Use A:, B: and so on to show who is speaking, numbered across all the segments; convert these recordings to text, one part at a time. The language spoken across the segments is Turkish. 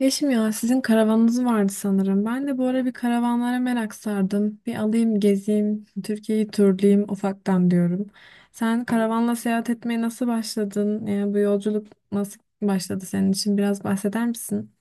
A: Yeşim ya sizin karavanınız vardı sanırım. Ben de bu ara bir karavanlara merak sardım. Bir alayım gezeyim, Türkiye'yi turlayayım ufaktan diyorum. Sen karavanla seyahat etmeye nasıl başladın? Yani bu yolculuk nasıl başladı senin için? Biraz bahseder misin?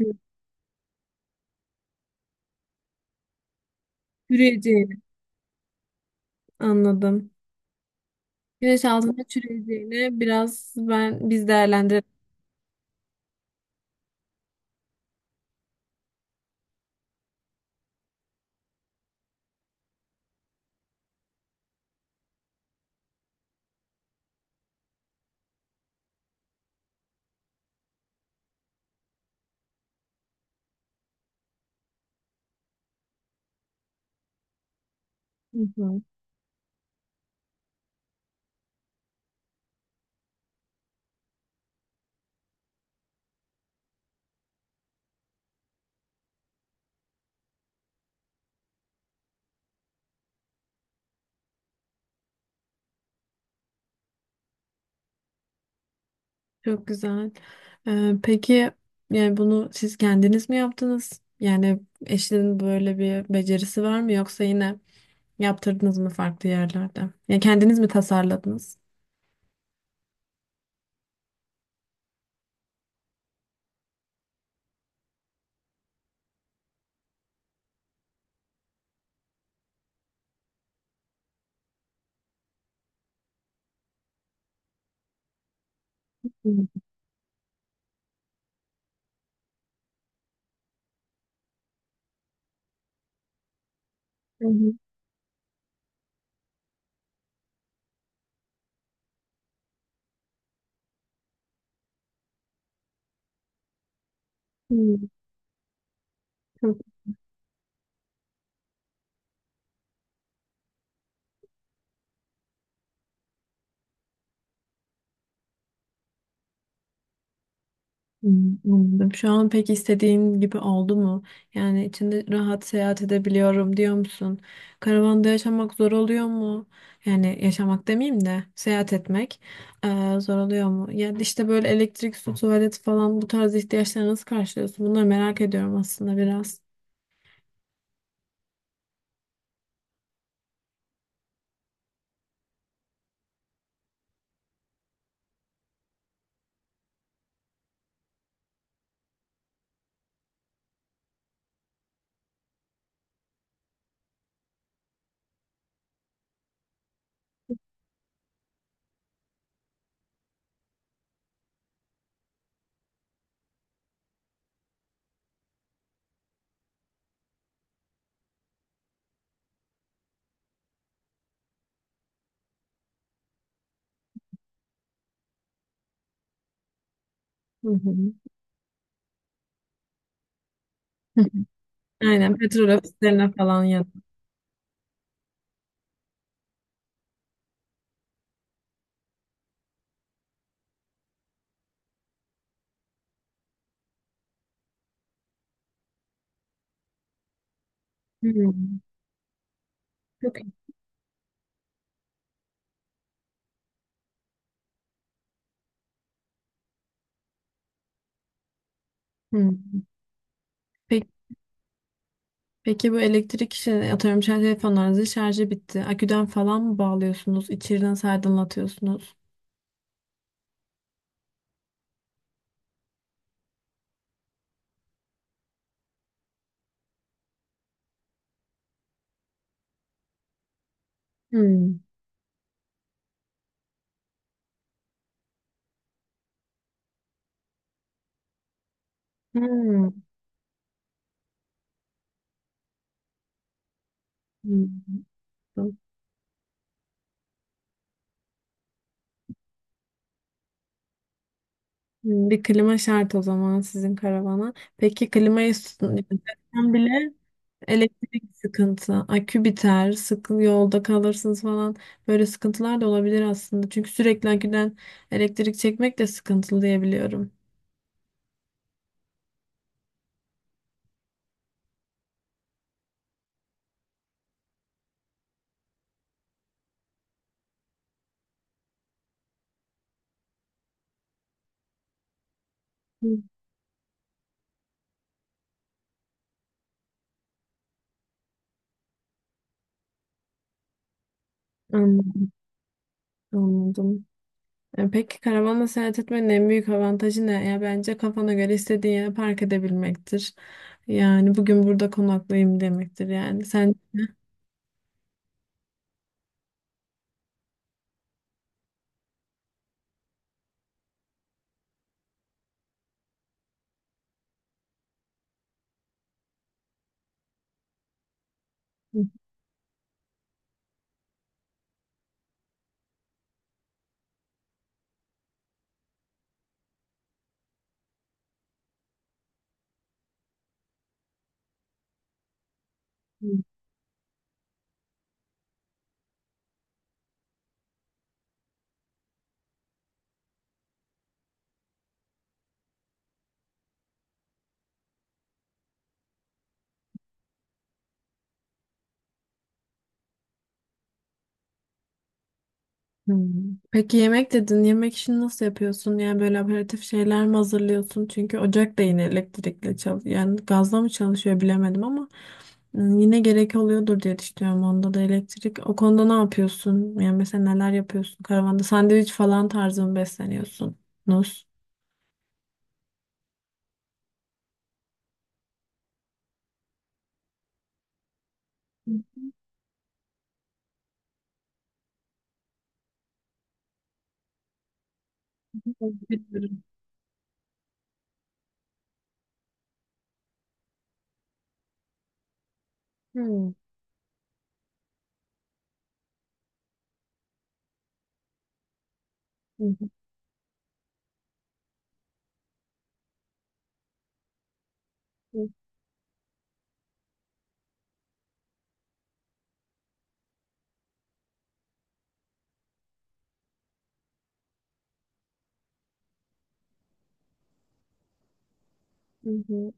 A: Hı, Çürüyeceğini anladım. Güneş altında çürüyeceğini biraz biz değerlendirelim. Çok güzel. Peki yani bunu siz kendiniz mi yaptınız? Yani eşinin böyle bir becerisi var mı yoksa yine yaptırdınız mı farklı yerlerde? Ya kendiniz mi tasarladınız? Hı hı. Hı. Çok Hmm, anladım. Şu an pek istediğin gibi oldu mu? Yani içinde rahat seyahat edebiliyorum diyor musun? Karavanda yaşamak zor oluyor mu? Yani yaşamak demeyeyim de seyahat etmek zor oluyor mu? Ya işte böyle elektrik, su, tuvalet falan bu tarz ihtiyaçları nasıl karşılıyorsun? Bunları merak ediyorum aslında biraz. Hı hı. Aynen petrol ofislerine falan ya. Hmm, çok iyi. Hmm. Peki bu elektrik işi atıyorum şarj telefonlarınızın şarjı bitti. Aküden falan mı bağlıyorsunuz? İçeriden nasıl aydınlatıyorsunuz? Hmm. Hmm. Hmm. Hmm, bir klima şart o zaman sizin karavana. Peki klimayı tutun bile elektrik sıkıntı, akü biter, sıkı yolda kalırsınız falan. Böyle sıkıntılar da olabilir aslında. Çünkü sürekli aküden elektrik çekmek de sıkıntılı diyebiliyorum. Anladım. Anladım. Peki karavanla seyahat etmenin en büyük avantajı ne? Ya bence kafana göre istediğin yere park edebilmektir. Yani bugün burada konaklayayım demektir yani. Sen Hı hı. Hmm. Peki yemek dedin. Yemek işini nasıl yapıyorsun? Yani böyle aperatif şeyler mi hazırlıyorsun? Çünkü ocak da yine elektrikle çalışıyor. Yani gazla mı çalışıyor bilemedim ama yine gerek oluyordur diye düşünüyorum. Onda da elektrik. O konuda ne yapıyorsun? Yani mesela neler yapıyorsun karavanda? Sandviç falan tarzı mı besleniyorsunuz? Hmm. Hı hı, hı hı, hı.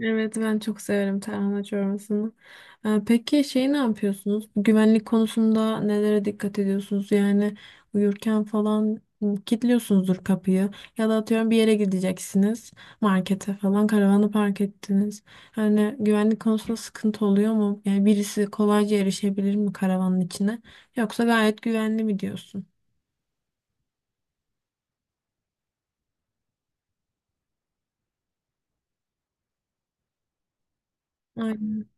A: Evet ben çok severim tarhana çorbasını. Peki şey ne yapıyorsunuz? Güvenlik konusunda nelere dikkat ediyorsunuz? Yani uyurken falan hı, kilitliyorsunuzdur kapıyı ya da atıyorum bir yere gideceksiniz markete falan karavanı park ettiniz. Hani güvenlik konusunda sıkıntı oluyor mu? Yani birisi kolayca erişebilir mi karavanın içine? Yoksa gayet güvenli mi diyorsun? Aynen.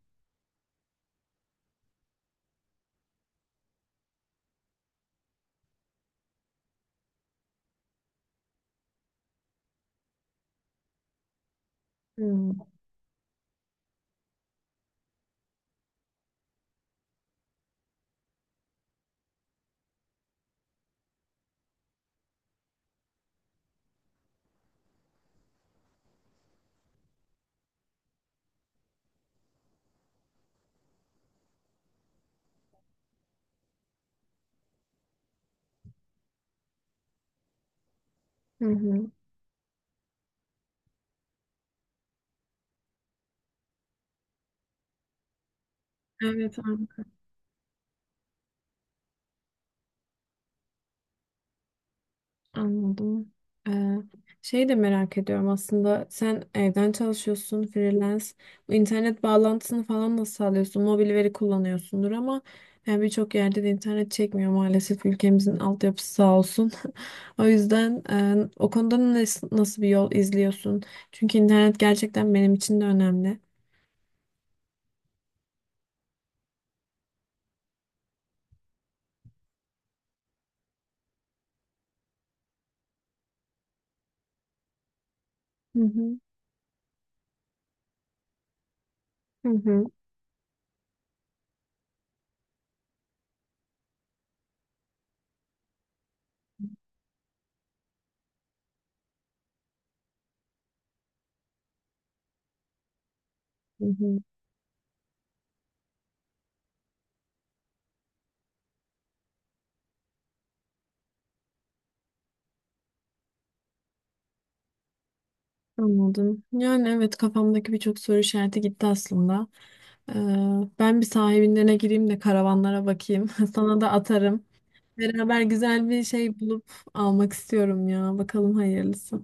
A: Hmm. Hı hı. Evet, anladım. Ee, şey de merak ediyorum aslında. Sen evden çalışıyorsun, freelance. Bu internet bağlantısını falan nasıl sağlıyorsun? Mobil veri kullanıyorsundur ama yani birçok yerde de internet çekmiyor maalesef. Ülkemizin altyapısı sağ olsun. O yüzden o konuda nasıl bir yol izliyorsun? Çünkü internet gerçekten benim için de önemli. Hı hı. Hı hı. Hı hı. Anladım. Yani evet kafamdaki birçok soru işareti gitti aslında. Ee, Ben bir sahibinlerine gireyim de karavanlara bakayım. Sana da atarım. Beraber güzel bir şey bulup almak istiyorum ya. Bakalım hayırlısı.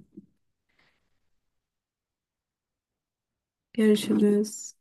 A: Görüşürüz.